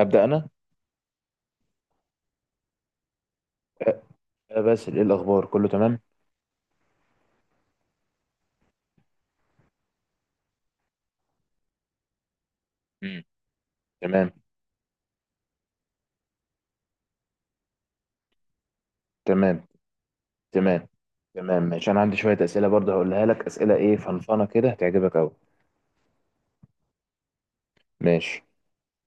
أبدأ أنا. أه، أه، باسل، إيه الأخبار؟ كله تمام؟ مم. تمام، تمام، تمام، تمام، ماشي. أنا عندي شوية أسئلة برضه هقولها لك، أسئلة إيه فنفنة كده هتعجبك أوي. ماشي.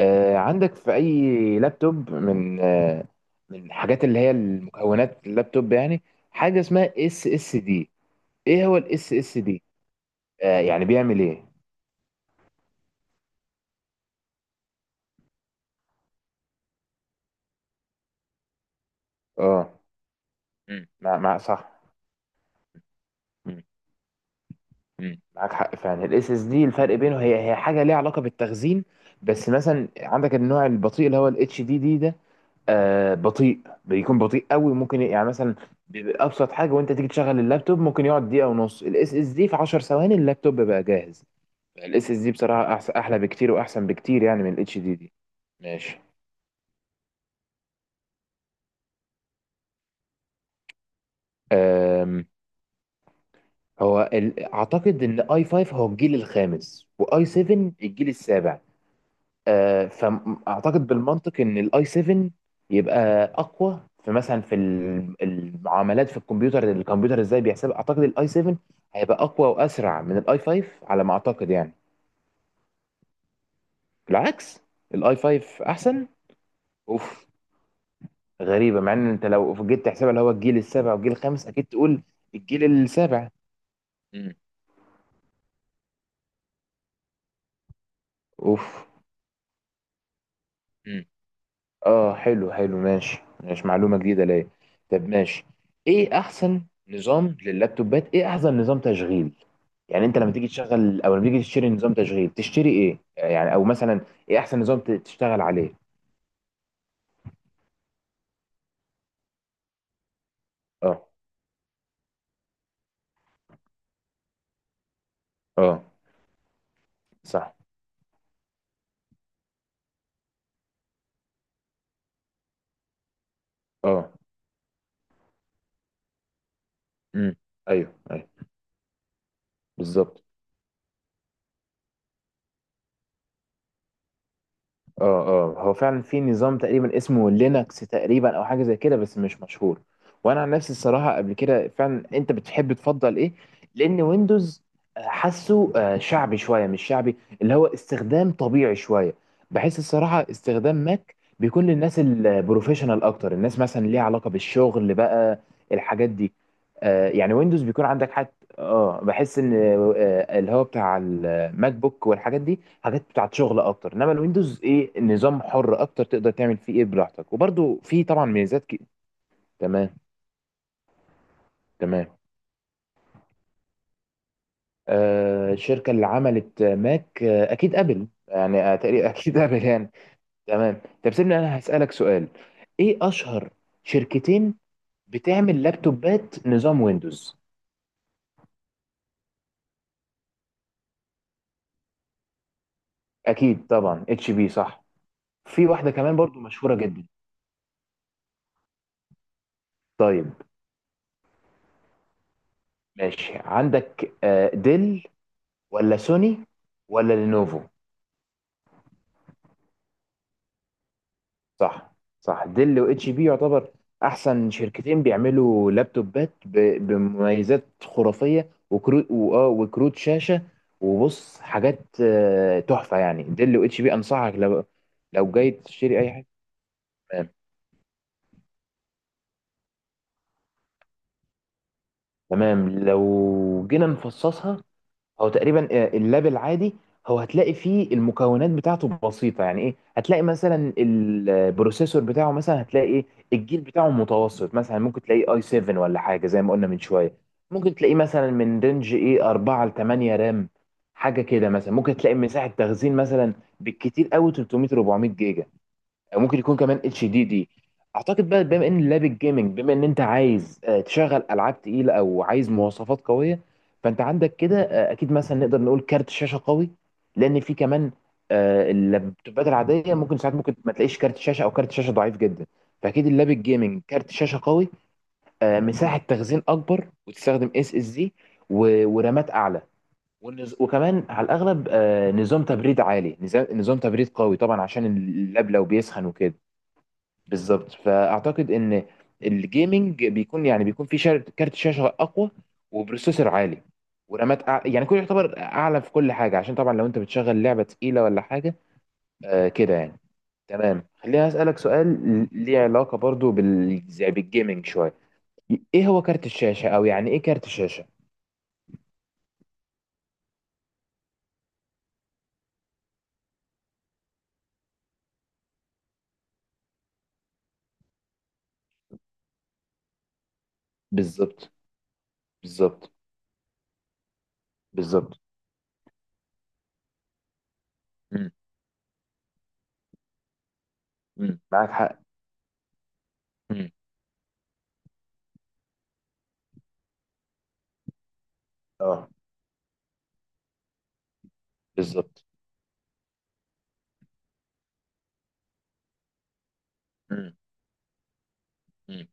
عندك في أي لابتوب، من الحاجات اللي هي المكونات اللابتوب يعني، حاجة اسمها اس اس دي؟ إيه هو الاس اس دي؟ يعني بيعمل إيه؟ أه. مم. مع صح. مم. معاك حق فعلا، الاس اس دي الفرق بينه، هي حاجه ليها علاقه بالتخزين. بس مثلا عندك النوع البطيء اللي هو الاتش دي دي ده، بطيء، بيكون بطيء قوي، ممكن يعني مثلا بيبقى ابسط حاجه، وانت تيجي تشغل اللابتوب ممكن يقعد دقيقه ونص، الاس اس دي في 10 ثواني اللابتوب بقى جاهز. الاس اس دي بصراحه احلى بكتير واحسن بكتير يعني من الاتش دي دي. ماشي. آم، هو اعتقد ان اي 5 هو الجيل الخامس واي 7 الجيل السابع. فاعتقد بالمنطق ان الاي 7 يبقى اقوى، في مثلا في المعاملات في الكمبيوتر ازاي بيحسب، اعتقد الاي 7 هيبقى اقوى واسرع من الاي 5، على ما اعتقد يعني. بالعكس، الاي 5 احسن. اوف، غريبه مع ان انت لو جيت تحسبها، اللي هو الجيل السابع والجيل الخامس، اكيد تقول الجيل السابع. مم. اوف. اه، حلو حلو، ماشي، ماشي، معلومة جديدة ليا. طب ماشي، ايه احسن نظام لللابتوبات؟ ايه احسن نظام تشغيل؟ يعني انت لما تيجي تشغل او لما تيجي تشتري نظام تشغيل تشتري ايه يعني، او مثلا ايه احسن نظام تشتغل عليه؟ اه، اه، صح، اه، امم ايوه، ايوه، بالظبط. اه، اه، هو فعلا في نظام تقريبا اسمه لينكس تقريبا، او حاجه زي كده بس مش مشهور. وانا عن نفسي الصراحه، قبل كده فعلا، انت بتحب تفضل ايه؟ لان ويندوز، حاسه شعبي شويه، مش شعبي، اللي هو استخدام طبيعي شويه. بحس الصراحه استخدام ماك بيكون للناس البروفيشنال اكتر، الناس مثلا ليها علاقه بالشغل بقى، الحاجات دي. يعني ويندوز بيكون عندك حاجه، اه، بحس ان اللي هو بتاع ماك بوك والحاجات دي حاجات بتاعت شغل اكتر، انما الويندوز ايه، نظام حر اكتر، تقدر تعمل فيه ايه براحتك، وبرده في طبعا ميزات تمام، تمام. الشركه اللي عملت ماك، اكيد ابل يعني، تقريبا اكيد ابل يعني. تمام. طب سيبني انا هسالك سؤال، ايه اشهر شركتين بتعمل لابتوبات نظام ويندوز؟ اكيد طبعا اتش بي، صح. في واحده كمان برضو مشهوره جدا. طيب ماشي، عندك ديل ولا سوني ولا لينوفو؟ صح، صح، ديل واتش بي يعتبر احسن شركتين بيعملوا لابتوبات بمميزات خرافيه، وكروت شاشه، وبص حاجات تحفه يعني. ديل واتش بي انصحك، لو لو جاي تشتري اي حاجه. تمام، تمام. لو جينا نفصصها، هو تقريبا اللاب العادي هو هتلاقي فيه المكونات بتاعته بسيطة، يعني ايه، هتلاقي مثلا البروسيسور بتاعه، مثلا هتلاقي ايه الجيل بتاعه متوسط، مثلا ممكن تلاقيه اي 7 ولا حاجة زي ما قلنا من شوية، ممكن تلاقيه مثلا من رينج ايه 4 ل 8 رام، حاجة كده مثلا. ممكن تلاقي مساحة تخزين مثلا بالكتير قوي 300 400 جيجا، او ممكن يكون كمان اتش دي دي. اعتقد بقى، بما ان لاب الجيمنج، بما ان انت عايز تشغل العاب تقيله او عايز مواصفات قويه، فانت عندك كده اكيد مثلا نقدر نقول كارت شاشه قوي، لان في كمان اللابتوبات العاديه ممكن ساعات ممكن ما تلاقيش كارت شاشه او كارت شاشه ضعيف جدا، فاكيد اللاب الجيمنج كارت شاشه قوي. مساحه تخزين اكبر، وتستخدم اس اس دي، ورامات اعلى، وكمان على الاغلب نظام تبريد عالي، نظام تبريد قوي طبعا عشان اللاب لو بيسخن وكده. بالظبط. فاعتقد ان الجيمنج بيكون، يعني بيكون في كارت شاشه اقوى، وبروسيسور عالي، ورامات يعني كله يعتبر اعلى في كل حاجه، عشان طبعا لو انت بتشغل لعبه تقيله ولا حاجه. كده يعني. تمام. خليني اسالك سؤال ليه علاقه برضو زي بالجيمنج شويه، ايه هو كارت الشاشه، او يعني ايه كارت الشاشه؟ بالظبط، بالظبط، بالظبط. مم. مم. معاك حق. مم. اه، بالظبط. مم. مم.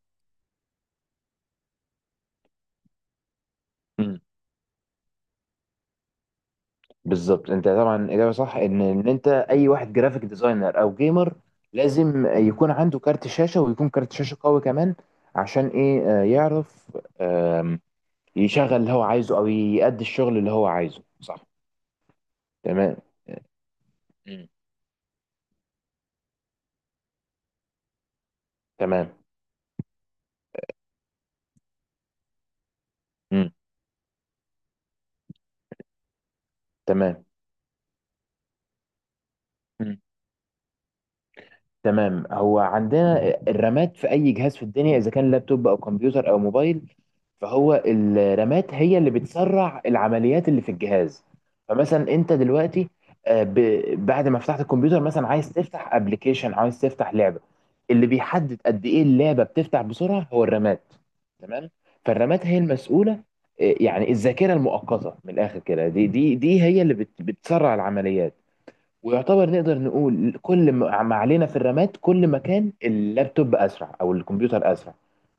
مم. بالظبط. انت طبعا اجابه صح، ان انت اي واحد جرافيك ديزاينر او جيمر لازم يكون عنده كارت شاشه، ويكون كارت شاشه قوي كمان، عشان ايه، يعرف يشغل اللي هو عايزه او يأدي الشغل اللي هو عايزه. صح. تمام. مم. تمام. مم. تمام. تمام، هو عندنا الرامات في اي جهاز في الدنيا، اذا كان لابتوب او كمبيوتر او موبايل، فهو الرامات هي اللي بتسرع العمليات اللي في الجهاز. فمثلا انت دلوقتي بعد ما فتحت الكمبيوتر مثلا عايز تفتح ابلكيشن، عايز تفتح لعبة، اللي بيحدد قد ايه اللعبة بتفتح بسرعة هو الرامات. تمام. فالرامات هي المسؤولة، يعني الذاكرة المؤقتة من الاخر كده، دي هي اللي بتسرع العمليات. ويعتبر نقدر نقول كل ما علينا في الرامات، كل ما كان اللابتوب اسرع او الكمبيوتر اسرع.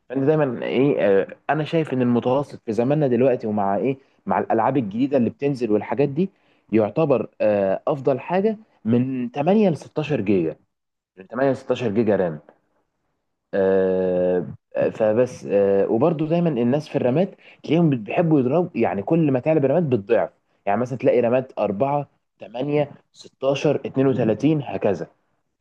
فانت دايما ايه، انا شايف ان المتوسط في زماننا دلوقتي، ومع ايه مع الالعاب الجديده اللي بتنزل والحاجات دي، يعتبر افضل حاجه من 8 ل 16 جيجا، من 8 ل 16 جيجا رام. آه، فبس. وبرضو دايما الناس في الرمات تلاقيهم بيحبوا يضربوا، يعني كل ما تعلى برمات بالضعف، يعني مثلا تلاقي رمات 4 8 16 32 هكذا.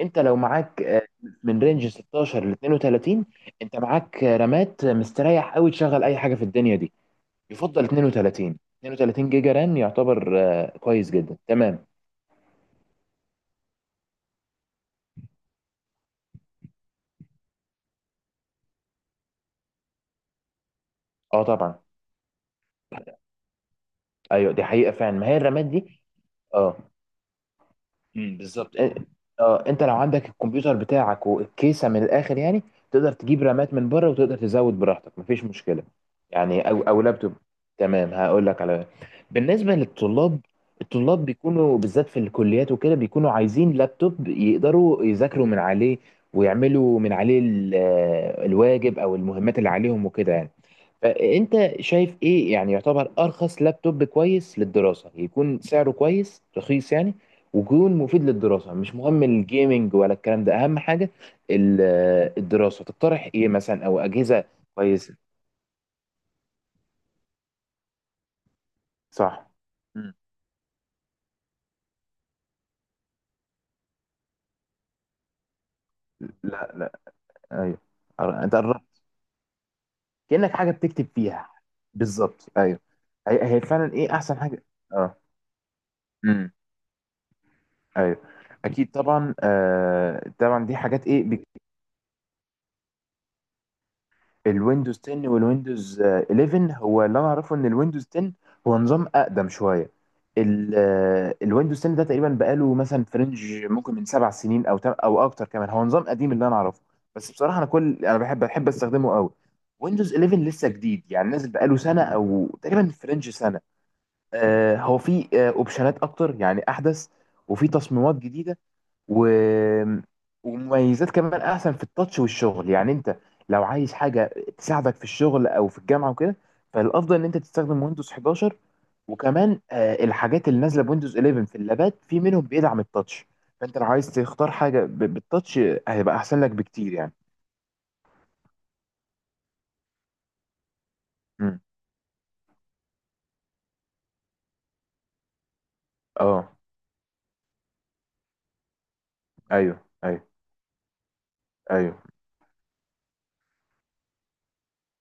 انت لو معاك من رينج 16 ل 32، انت معاك رمات مستريح قوي، تشغل اي حاجه في الدنيا دي. يفضل 32، 32 جيجا رام يعتبر كويس جدا. تمام. اه طبعا. ايوه دي حقيقه فعلا، ما هي الرامات دي. اه. بالظبط. اه انت لو عندك الكمبيوتر بتاعك والكيسه من الاخر يعني، تقدر تجيب رامات من بره وتقدر تزود براحتك، مفيش مشكله. يعني او لابتوب. تمام. هقول لك على، بالنسبه للطلاب، الطلاب بيكونوا بالذات في الكليات وكده بيكونوا عايزين لابتوب يقدروا يذاكروا من عليه، ويعملوا من عليه الواجب او المهمات اللي عليهم وكده يعني. فانت شايف ايه، يعني يعتبر ارخص لابتوب كويس للدراسه، يكون سعره كويس رخيص يعني، ويكون مفيد للدراسه، مش مهم الجيمنج ولا الكلام ده اهم حاجه. ال- الدراسه، تقترح ايه مثلا او اجهزه كويسه؟ صح. مم. لا، لا. ايوه. انت قربت، كانك حاجه بتكتب فيها. بالظبط، ايوه. هي فعلا ايه احسن حاجه. اه. مم. ايوه، اكيد طبعا. طبعا دي حاجات ايه. الويندوز 10 والويندوز 11 هو اللي انا اعرفه، ان الويندوز 10 هو نظام اقدم شويه. الويندوز 10 ده تقريبا بقاله مثلا فرنج ممكن من 7 سنين او او اكتر كمان، هو نظام قديم اللي انا اعرفه. بس بصراحه، انا كل انا بحب استخدمه قوي. ويندوز 11 لسه جديد، يعني نازل بقاله سنه او تقريبا فرنج سنه. هو فيه اوبشنات اكتر يعني، احدث، وفي تصميمات جديده، و... ومميزات كمان احسن في التاتش والشغل. يعني انت لو عايز حاجه تساعدك في الشغل او في الجامعه وكده، فالافضل ان انت تستخدم ويندوز 11. وكمان الحاجات اللي نازله بويندوز 11 في اللابات في منهم بيدعم التاتش. فانت لو عايز تختار حاجه بالتاتش، هيبقى احسن لك بكتير يعني. مم. اه، ايوه، ايوه، ايوه.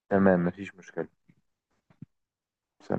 تمام. مفيش مشكله. سلام.